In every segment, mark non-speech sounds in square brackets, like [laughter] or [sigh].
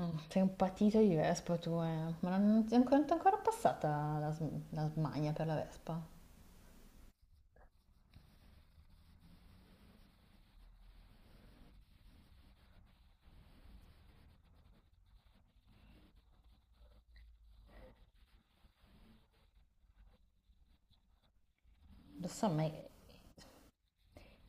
Mm, sei un patito di vespa tu, eh. Ma non ti è ancora, non ti è ancora passata la, la smania per la vespa? Lo so,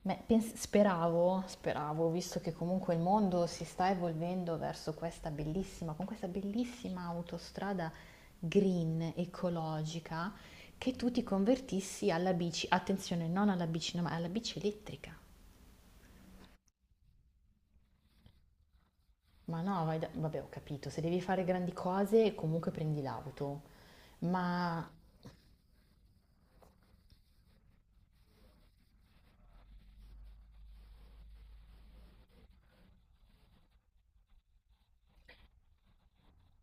ma speravo, speravo, visto che comunque il mondo si sta evolvendo verso questa bellissima, con questa bellissima autostrada green, ecologica, che tu ti convertissi alla bici, attenzione, non alla bici, no, ma alla bici elettrica. Ma no, vabbè, ho capito, se devi fare grandi cose, comunque prendi l'auto. Ma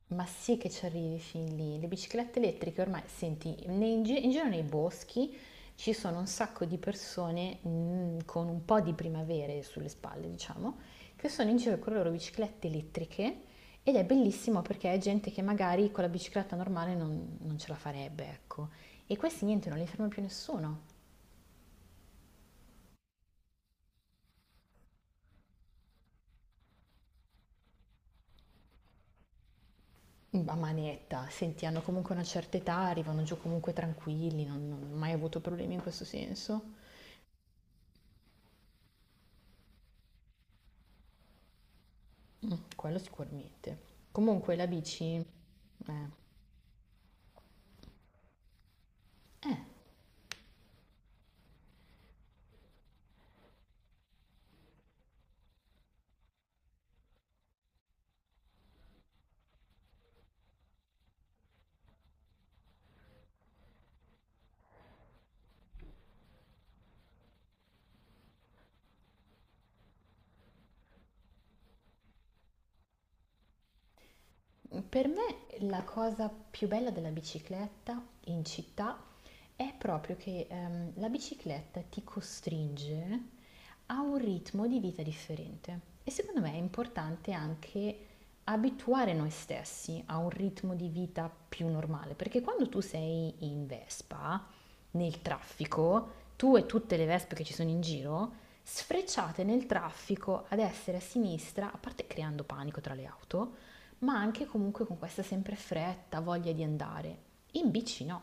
Ma sì che ci arrivi fin lì, le biciclette elettriche ormai, senti, in giro nei boschi ci sono un sacco di persone con un po' di primavere sulle spalle, diciamo, che sono in giro con le loro biciclette elettriche, ed è bellissimo perché è gente che magari con la bicicletta normale non ce la farebbe, ecco. E questi niente, non li ferma più nessuno. A manetta, senti, hanno comunque una certa età, arrivano giù comunque tranquilli, non ho mai avuto problemi in questo senso. Mm, quello sicuramente. Comunque la bici, eh, per me la cosa più bella della bicicletta in città è proprio che la bicicletta ti costringe a un ritmo di vita differente e secondo me è importante anche abituare noi stessi a un ritmo di vita più normale, perché quando tu sei in Vespa, nel traffico, tu e tutte le Vespe che ci sono in giro, sfrecciate nel traffico a destra e a sinistra, a parte creando panico tra le auto, ma anche comunque con questa sempre fretta, voglia di andare. In bici no.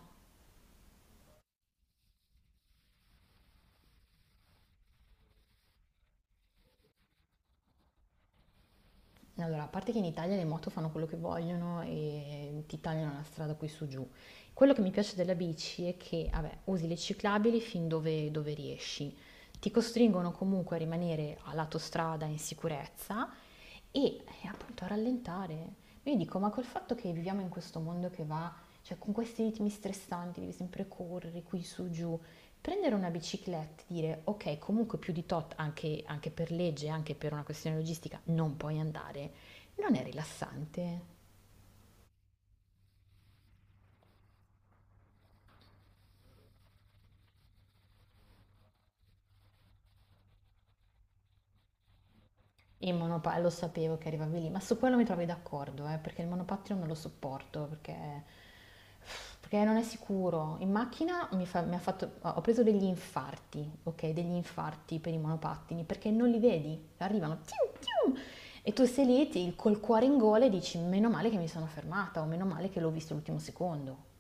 Allora, a parte che in Italia le moto fanno quello che vogliono e ti tagliano la strada qui su giù. Quello che mi piace della bici è che, vabbè, usi le ciclabili fin dove, dove riesci. Ti costringono comunque a rimanere a lato strada in sicurezza, e appunto rallentare. Io dico, ma col fatto che viviamo in questo mondo che va, cioè con questi ritmi stressanti, devi sempre correre qui su giù, prendere una bicicletta e dire, ok, comunque più di tot, anche, anche per legge, anche per una questione logistica, non puoi andare, non è rilassante. Il monopa lo sapevo che arrivavi lì, ma su quello mi trovi d'accordo, perché il monopattino non lo sopporto, perché, perché non è sicuro. In macchina mi fa- mi ha fatto- ho preso degli infarti, ok? Degli infarti per i monopattini, perché non li vedi, arrivano, tium, tium, e tu sei lì col cuore in gola e dici, meno male che mi sono fermata, o meno male che l'ho visto l'ultimo secondo.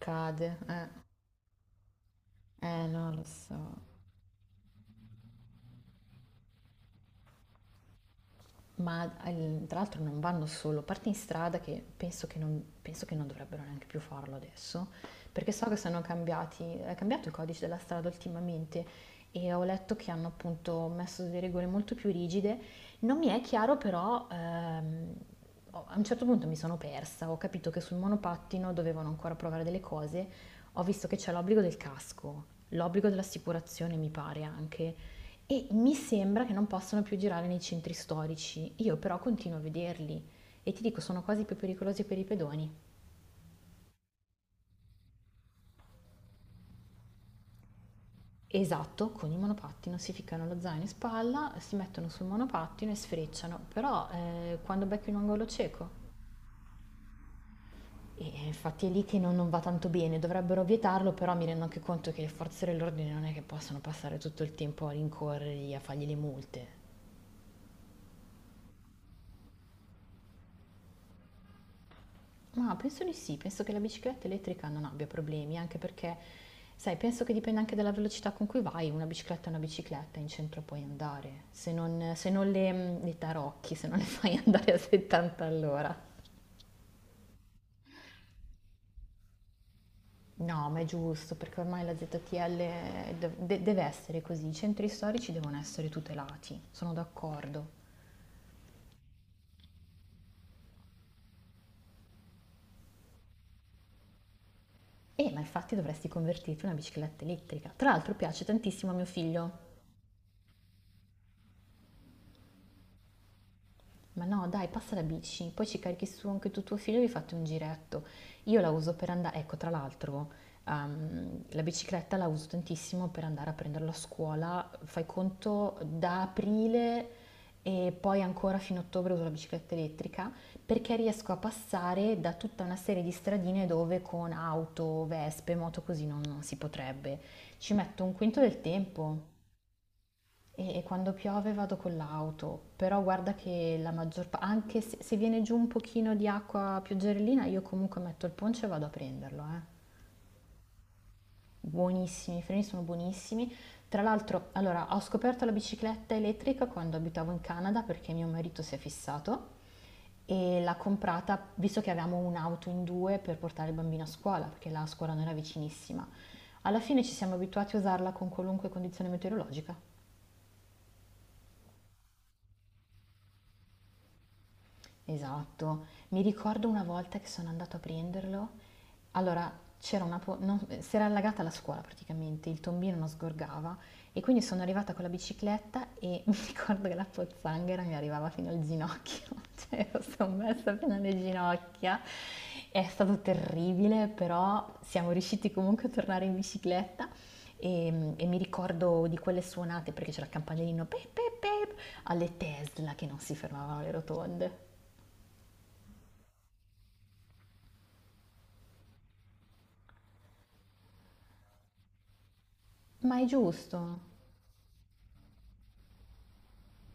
Cade, eh no, lo so. Ma tra l'altro non vanno solo, parte in strada che penso che non dovrebbero neanche più farlo adesso, perché so che sono cambiati, è cambiato il codice della strada ultimamente e ho letto che hanno appunto messo delle regole molto più rigide. Non mi è chiaro però, a un certo punto mi sono persa, ho capito che sul monopattino dovevano ancora provare delle cose, ho visto che c'è l'obbligo del casco, l'obbligo dell'assicurazione mi pare anche, e mi sembra che non possano più girare nei centri storici. Io però continuo a vederli e ti dico, sono quasi più pericolosi per i pedoni. Esatto, con i monopattino si ficcano lo zaino in spalla, si mettono sul monopattino e sfrecciano, però quando becchi un angolo cieco. Infatti è lì che non, non va tanto bene, dovrebbero vietarlo, però mi rendo anche conto che le forze dell'ordine non è che possono passare tutto il tempo a rincorrerli, a fargli le multe. Ma penso di sì, penso che la bicicletta elettrica non abbia problemi, anche perché, sai, penso che dipenda anche dalla velocità con cui vai, una bicicletta è una bicicletta, in centro puoi andare, se non, se non le, le tarocchi, se non le [laughs] fai andare a 70 all'ora. No, ma è giusto, perché ormai la ZTL deve essere così, i centri storici devono essere tutelati, sono d'accordo. E ma infatti dovresti convertirti in una bicicletta elettrica. Tra l'altro piace tantissimo a mio figlio. Ma no, dai, passa la bici, poi ci carichi su anche tu tuo figlio e vi fate un giretto. Io la uso per andare, ecco, tra l'altro, la bicicletta la uso tantissimo per andare a prenderlo a scuola. Fai conto da aprile e poi ancora fino a ottobre uso la bicicletta elettrica perché riesco a passare da tutta una serie di stradine dove con auto, vespe, moto così non si potrebbe. Ci metto un quinto del tempo. E quando piove vado con l'auto, però guarda che la maggior pa anche se se viene giù un pochino di acqua pioggerellina, io comunque metto il poncho e vado a prenderlo, eh. Buonissimi, i freni sono buonissimi. Tra l'altro, allora, ho scoperto la bicicletta elettrica quando abitavo in Canada perché mio marito si è fissato e l'ha comprata, visto che avevamo un'auto in 2 per portare il bambino a scuola, perché la scuola non era vicinissima. Alla fine ci siamo abituati a usarla con qualunque condizione meteorologica. Esatto. Mi ricordo una volta che sono andato a prenderlo. Allora, c'era una po- non- si era allagata la scuola praticamente, il tombino non sgorgava e quindi sono arrivata con la bicicletta e [laughs] mi ricordo che la pozzanghera mi arrivava fino al ginocchio, [laughs] cioè ero sommersa fino alle ginocchia. È stato terribile, però siamo riusciti comunque a tornare in bicicletta e mi ricordo di quelle suonate perché c'era il campanellino pep pep pep alle Tesla che non si fermavano le rotonde. Ma è giusto.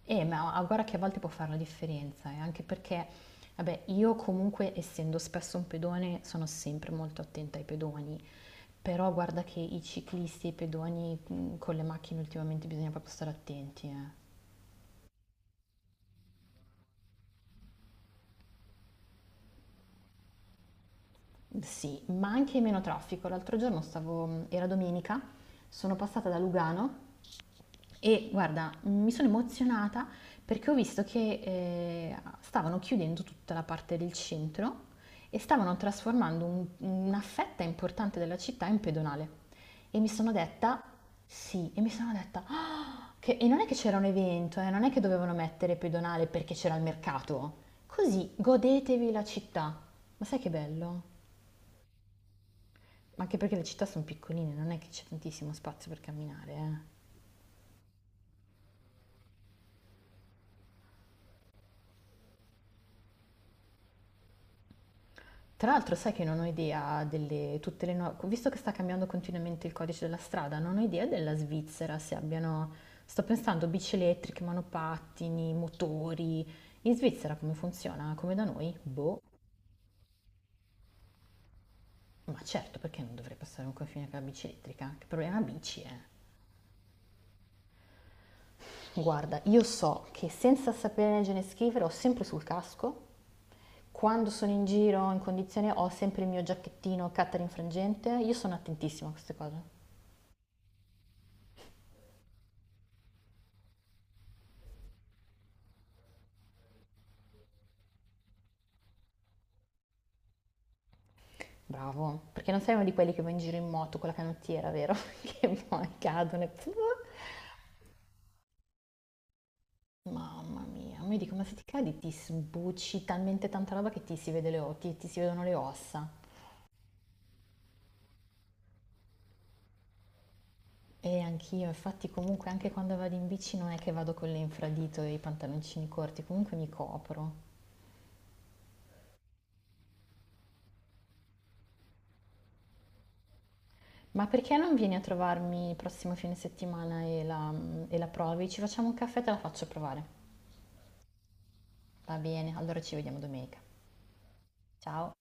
Ma guarda che a volte può fare la differenza, anche perché, vabbè, io comunque, essendo spesso un pedone, sono sempre molto attenta ai pedoni, però guarda che i ciclisti e i pedoni con le macchine ultimamente bisogna proprio stare attenti, eh. Sì, ma anche meno traffico. L'altro giorno stavo, era domenica, sono passata da Lugano. E guarda, mi sono emozionata perché ho visto che stavano chiudendo tutta la parte del centro e stavano trasformando una fetta importante della città in pedonale. E mi sono detta, sì, e mi sono detta, "Ah!" E non è che c'era un evento, non è che dovevano mettere pedonale perché c'era il mercato. Così godetevi la città. Ma sai che bello? Anche perché le città sono piccoline, non è che c'è tantissimo spazio per camminare, eh. Tra l'altro sai che non ho idea delle tutte le nuove, visto che sta cambiando continuamente il codice della strada, non ho idea della Svizzera se abbiano, sto pensando bici elettriche, monopattini, motori. In Svizzera come funziona? Come da noi? Boh. Ma certo, perché non dovrei passare un confine con la bici elettrica? Che problema bici è? Guarda, io so che senza sapere leggere e scrivere ho sempre sul casco, quando sono in giro in condizione ho sempre il mio giacchettino Catering frangente, io sono attentissima a queste cose. Bravo, perché non sei uno di quelli che va in giro in moto con la canottiera, vero? [laughs] Che poi cadono e... Mamma mia, mi dico, ma se ti cadi ti sbucci talmente tanta roba che ti si vede le, ti, ti si vedono le ossa. E anch'io, infatti comunque anche quando vado in bici non è che vado con l'infradito e i pantaloncini corti, comunque mi copro. Ma perché non vieni a trovarmi il prossimo fine settimana e la provi? Ci facciamo un caffè e te la faccio provare. Va bene, allora ci vediamo domenica. Ciao!